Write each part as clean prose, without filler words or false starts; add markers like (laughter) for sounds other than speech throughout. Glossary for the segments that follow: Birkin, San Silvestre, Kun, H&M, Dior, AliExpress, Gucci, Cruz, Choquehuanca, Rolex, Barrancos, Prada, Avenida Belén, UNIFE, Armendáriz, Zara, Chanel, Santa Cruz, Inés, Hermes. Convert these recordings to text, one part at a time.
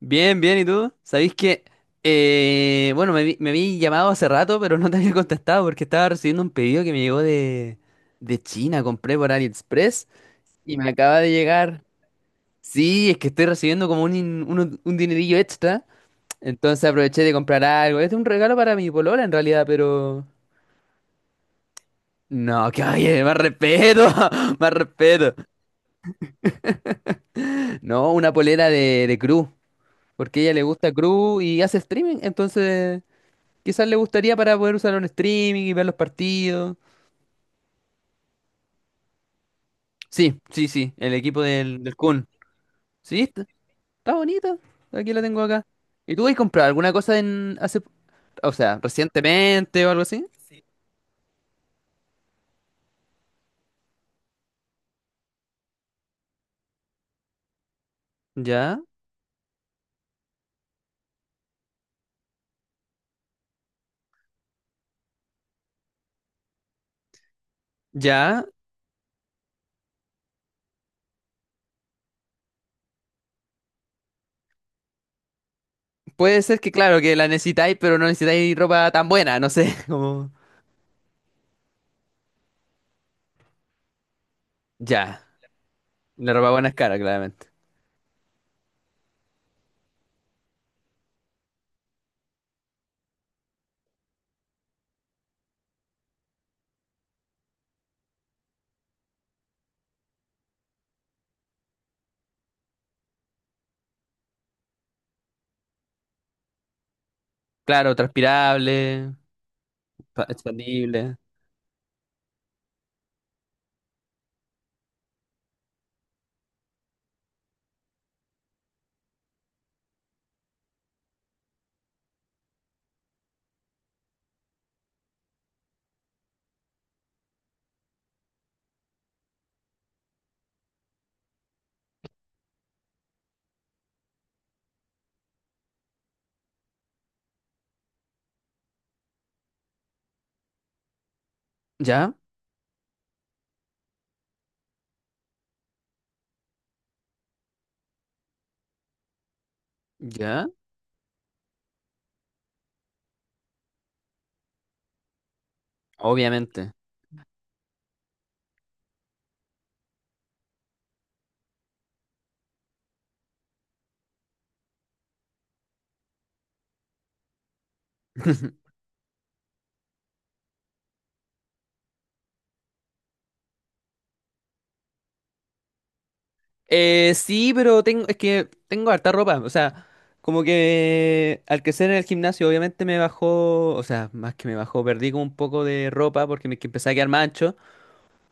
Bien, bien, ¿y tú? ¿Sabéis que, bueno, me, me habí llamado hace rato, pero no te había contestado porque estaba recibiendo un pedido que me llegó de China? Compré por AliExpress y me acaba de llegar. Sí, es que estoy recibiendo como un, un dinerillo extra, entonces aproveché de comprar algo. Este es un regalo para mi polola en realidad, pero... No, (laughs) que oye, más respeto, (laughs) más respeto. No, una polera de Cruz, porque a ella le gusta Cruz y hace streaming, entonces... Quizás le gustaría para poder usarlo en streaming y ver los partidos. Sí, sí, sí, el equipo del Kun. Sí, está bonito. Aquí la tengo acá. ¿Y tú has comprado alguna cosa en hace, o sea, recientemente o algo así? Ya, ya. Puede ser que, claro, que la necesitáis, pero no necesitáis ropa tan buena, no sé. (laughs) Como... Ya, la ropa buena es cara, claramente. Claro, transpirable, expandible. Ya, ya, obviamente. (laughs) Sí, pero tengo, es que tengo harta ropa. O sea, como que al crecer en el gimnasio, obviamente me bajó, o sea, más que me bajó, perdí como un poco de ropa porque me que empecé a quedar mancho.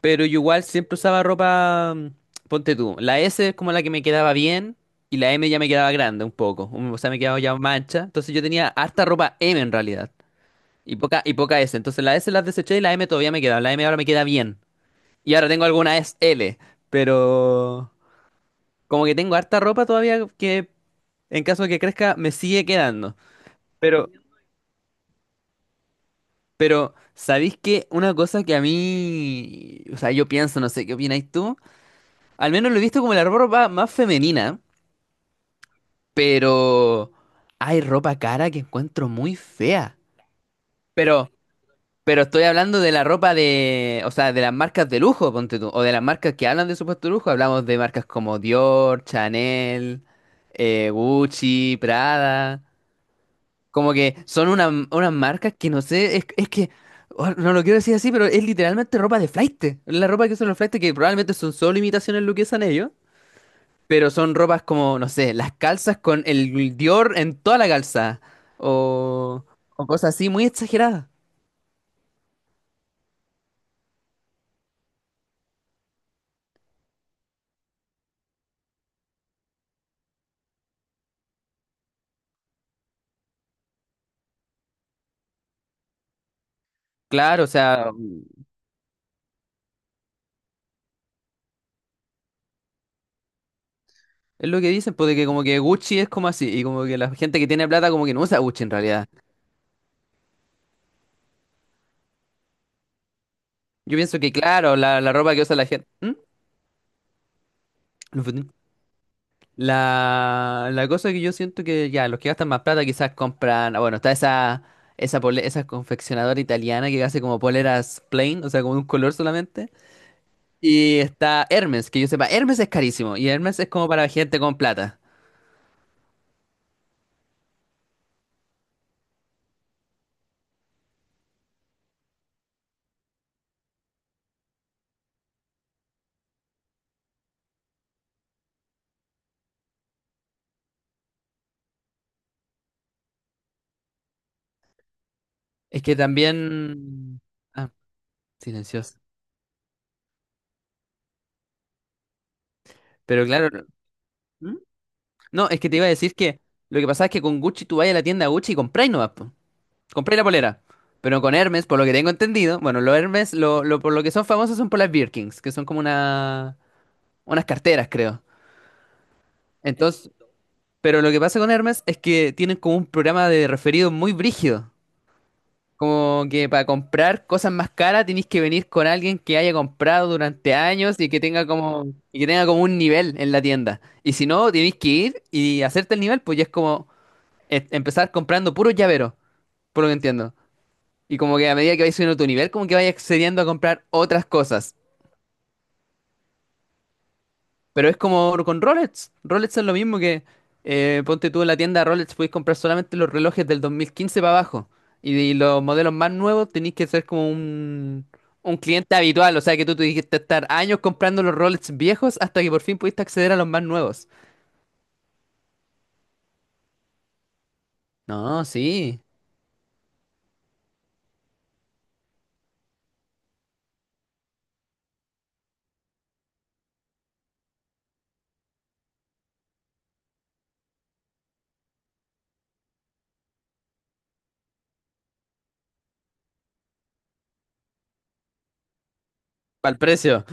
Pero yo igual siempre usaba ropa, ponte tú, la S es como la que me quedaba bien y la M ya me quedaba grande un poco. O sea, me quedaba ya mancha. Entonces yo tenía harta ropa M en realidad y poca S. Entonces la S las deseché y la M todavía me quedaba. La M ahora me queda bien. Y ahora tengo alguna S L, pero. Como que tengo harta ropa todavía que en caso de que crezca me sigue quedando. Pero, ¿Sabéis que una cosa que a mí, o sea, yo pienso, no sé, ¿qué opináis tú? Al menos lo he visto como la ropa más femenina, pero hay ropa cara que encuentro muy fea. Pero, pero estoy hablando de la ropa de, o sea, de las marcas de lujo, ponte tú, o de las marcas que hablan de supuesto lujo. Hablamos de marcas como Dior, Chanel, Gucci, Prada. Como que son unas marcas que no sé, es que, oh, no lo quiero decir así, pero es literalmente ropa de flaite. La ropa que usan los flaites, que probablemente son solo imitaciones lo que usan ellos, pero son ropas como, no sé, las calzas con el Dior en toda la calza, o, o cosas así muy exageradas. Claro, o sea, es lo que dicen, pues, de que como que Gucci es como así, y como que la gente que tiene plata como que no usa Gucci en realidad. Yo pienso que, claro, la ropa que usa la gente... ¿Mm? La cosa que yo siento que ya, los que gastan más plata quizás compran, ah, bueno, está esa confeccionadora italiana que hace como poleras plain, o sea, como de un color solamente. Y está Hermes, que yo sepa, Hermes es carísimo y Hermes es como para gente con plata. Es que también... Ah, silencioso. Pero claro, ¿Mm? No, es que te iba a decir que lo que pasa es que con Gucci tú vas a la tienda Gucci y compráis nomás, po. Compré la polera. Pero con Hermes, por lo que tengo entendido, bueno, los Hermes, por lo que son famosos son por las Birkins, que son como una, unas carteras, creo. Entonces, pero lo que pasa con Hermes es que tienen como un programa de referido muy brígido. Como que para comprar cosas más caras tenéis que venir con alguien que haya comprado durante años y que tenga como, y que tenga como un nivel en la tienda. Y si no, tenéis que ir y hacerte el nivel, pues ya es como empezar comprando puros llaveros, por lo que entiendo. Y como que a medida que vais subiendo tu nivel, como que vais accediendo a comprar otras cosas. Pero es como con Rolex. Rolex es lo mismo que ponte tú, en la tienda Rolex podéis comprar solamente los relojes del 2015 para abajo. Y los modelos más nuevos tenéis que ser como un cliente habitual. O sea que tú tuviste que estar años comprando los Rolex viejos hasta que por fin pudiste acceder a los más nuevos. No, sí. Para el precio.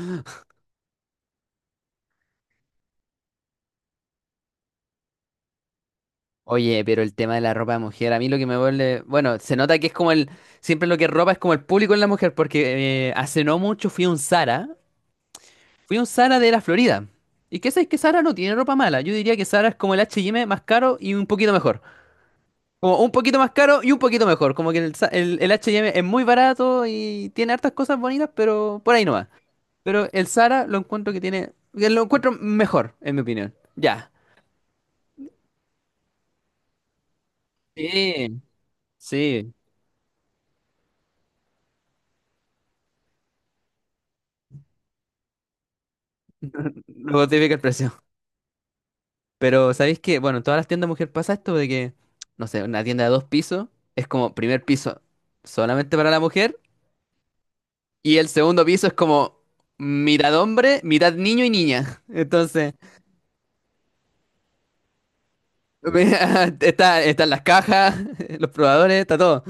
Oye, pero el tema de la ropa de mujer, a mí lo que me vuelve, bueno, se nota que es como el, siempre lo que es ropa es como el público en la mujer, porque hace no mucho fui a un Zara, fui a un Zara de la Florida. ¿Y qué sabes que Zara no tiene ropa mala? Yo diría que Zara es como el H&M más caro y un poquito mejor. Como un poquito más caro y un poquito mejor. Como que el H&M es muy barato y tiene hartas cosas bonitas, pero por ahí no va. Pero el Zara lo encuentro que tiene, que lo encuentro mejor, en mi opinión. Ya. Sí, sí, lo justifica el precio. Pero ¿sabéis que? Bueno, en todas las tiendas mujer pasa esto de que, no sé, una tienda de dos pisos es como primer piso solamente para la mujer y el segundo piso es como mitad hombre, mitad niño y niña. Entonces, (laughs) está, están las cajas, (laughs) los probadores, está todo.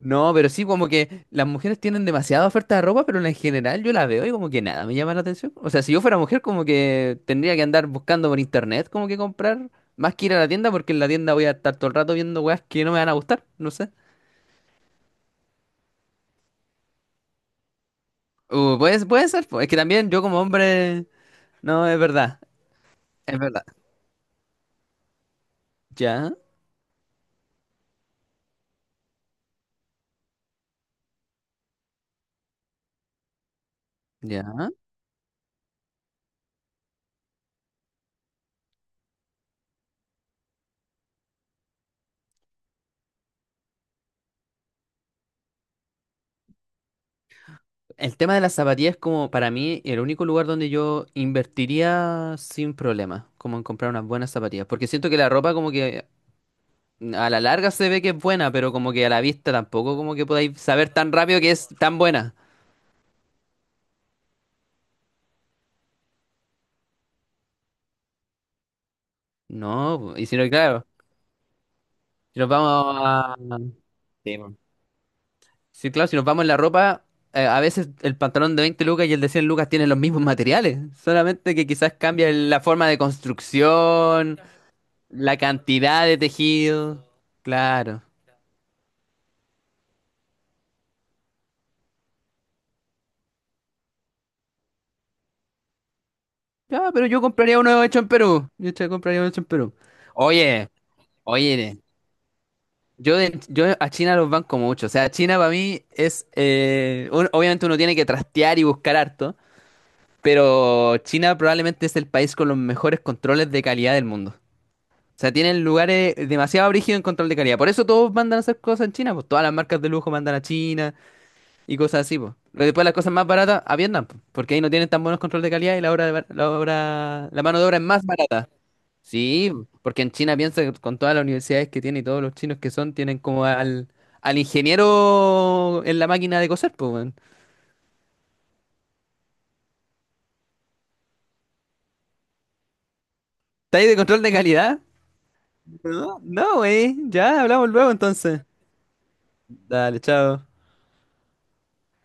No, pero sí, como que las mujeres tienen demasiada oferta de ropa, pero en general yo la veo y como que nada me llama la atención. O sea, si yo fuera mujer, como que tendría que andar buscando por internet, como que comprar, más que ir a la tienda, porque en la tienda voy a estar todo el rato viendo weas que no me van a gustar, no sé. Puede, puede ser, pues, es que también yo como hombre, no, es verdad, es verdad. Ya, ya. El tema de las zapatillas es como para mí el único lugar donde yo invertiría sin problema, como en comprar unas buenas zapatillas, porque siento que la ropa como que a la larga se ve que es buena, pero como que a la vista tampoco como que podáis saber tan rápido que es tan buena. No, po, y si no, claro, si nos vamos a... Sí, po. Sí, claro, si nos vamos en la ropa, a veces el pantalón de 20 lucas y el de 100 lucas tienen los mismos materiales, solamente que quizás cambia la forma de construcción, la cantidad de tejido. Claro. Ya, pero yo compraría uno hecho en Perú. Yo te compraría uno hecho en Perú. Oye, oye. Yo, yo a China los banco mucho. O sea, China para mí es. Obviamente uno tiene que trastear y buscar harto. Pero China probablemente es el país con los mejores controles de calidad del mundo. O sea, tienen lugares demasiado brígidos en control de calidad. Por eso todos mandan a hacer cosas en China. Pues todas las marcas de lujo mandan a China y cosas así, pues. Pero después las cosas más baratas a Vietnam, po, porque ahí no tienen tan buenos control de calidad y la obra, la mano de obra es más barata. Sí, porque en China piensa que con todas las universidades que tiene y todos los chinos que son, tienen como al, al ingeniero en la máquina de coser, pues, weón. ¿Está ahí de control de calidad? No, no, güey. Ya hablamos luego entonces. Dale, chao.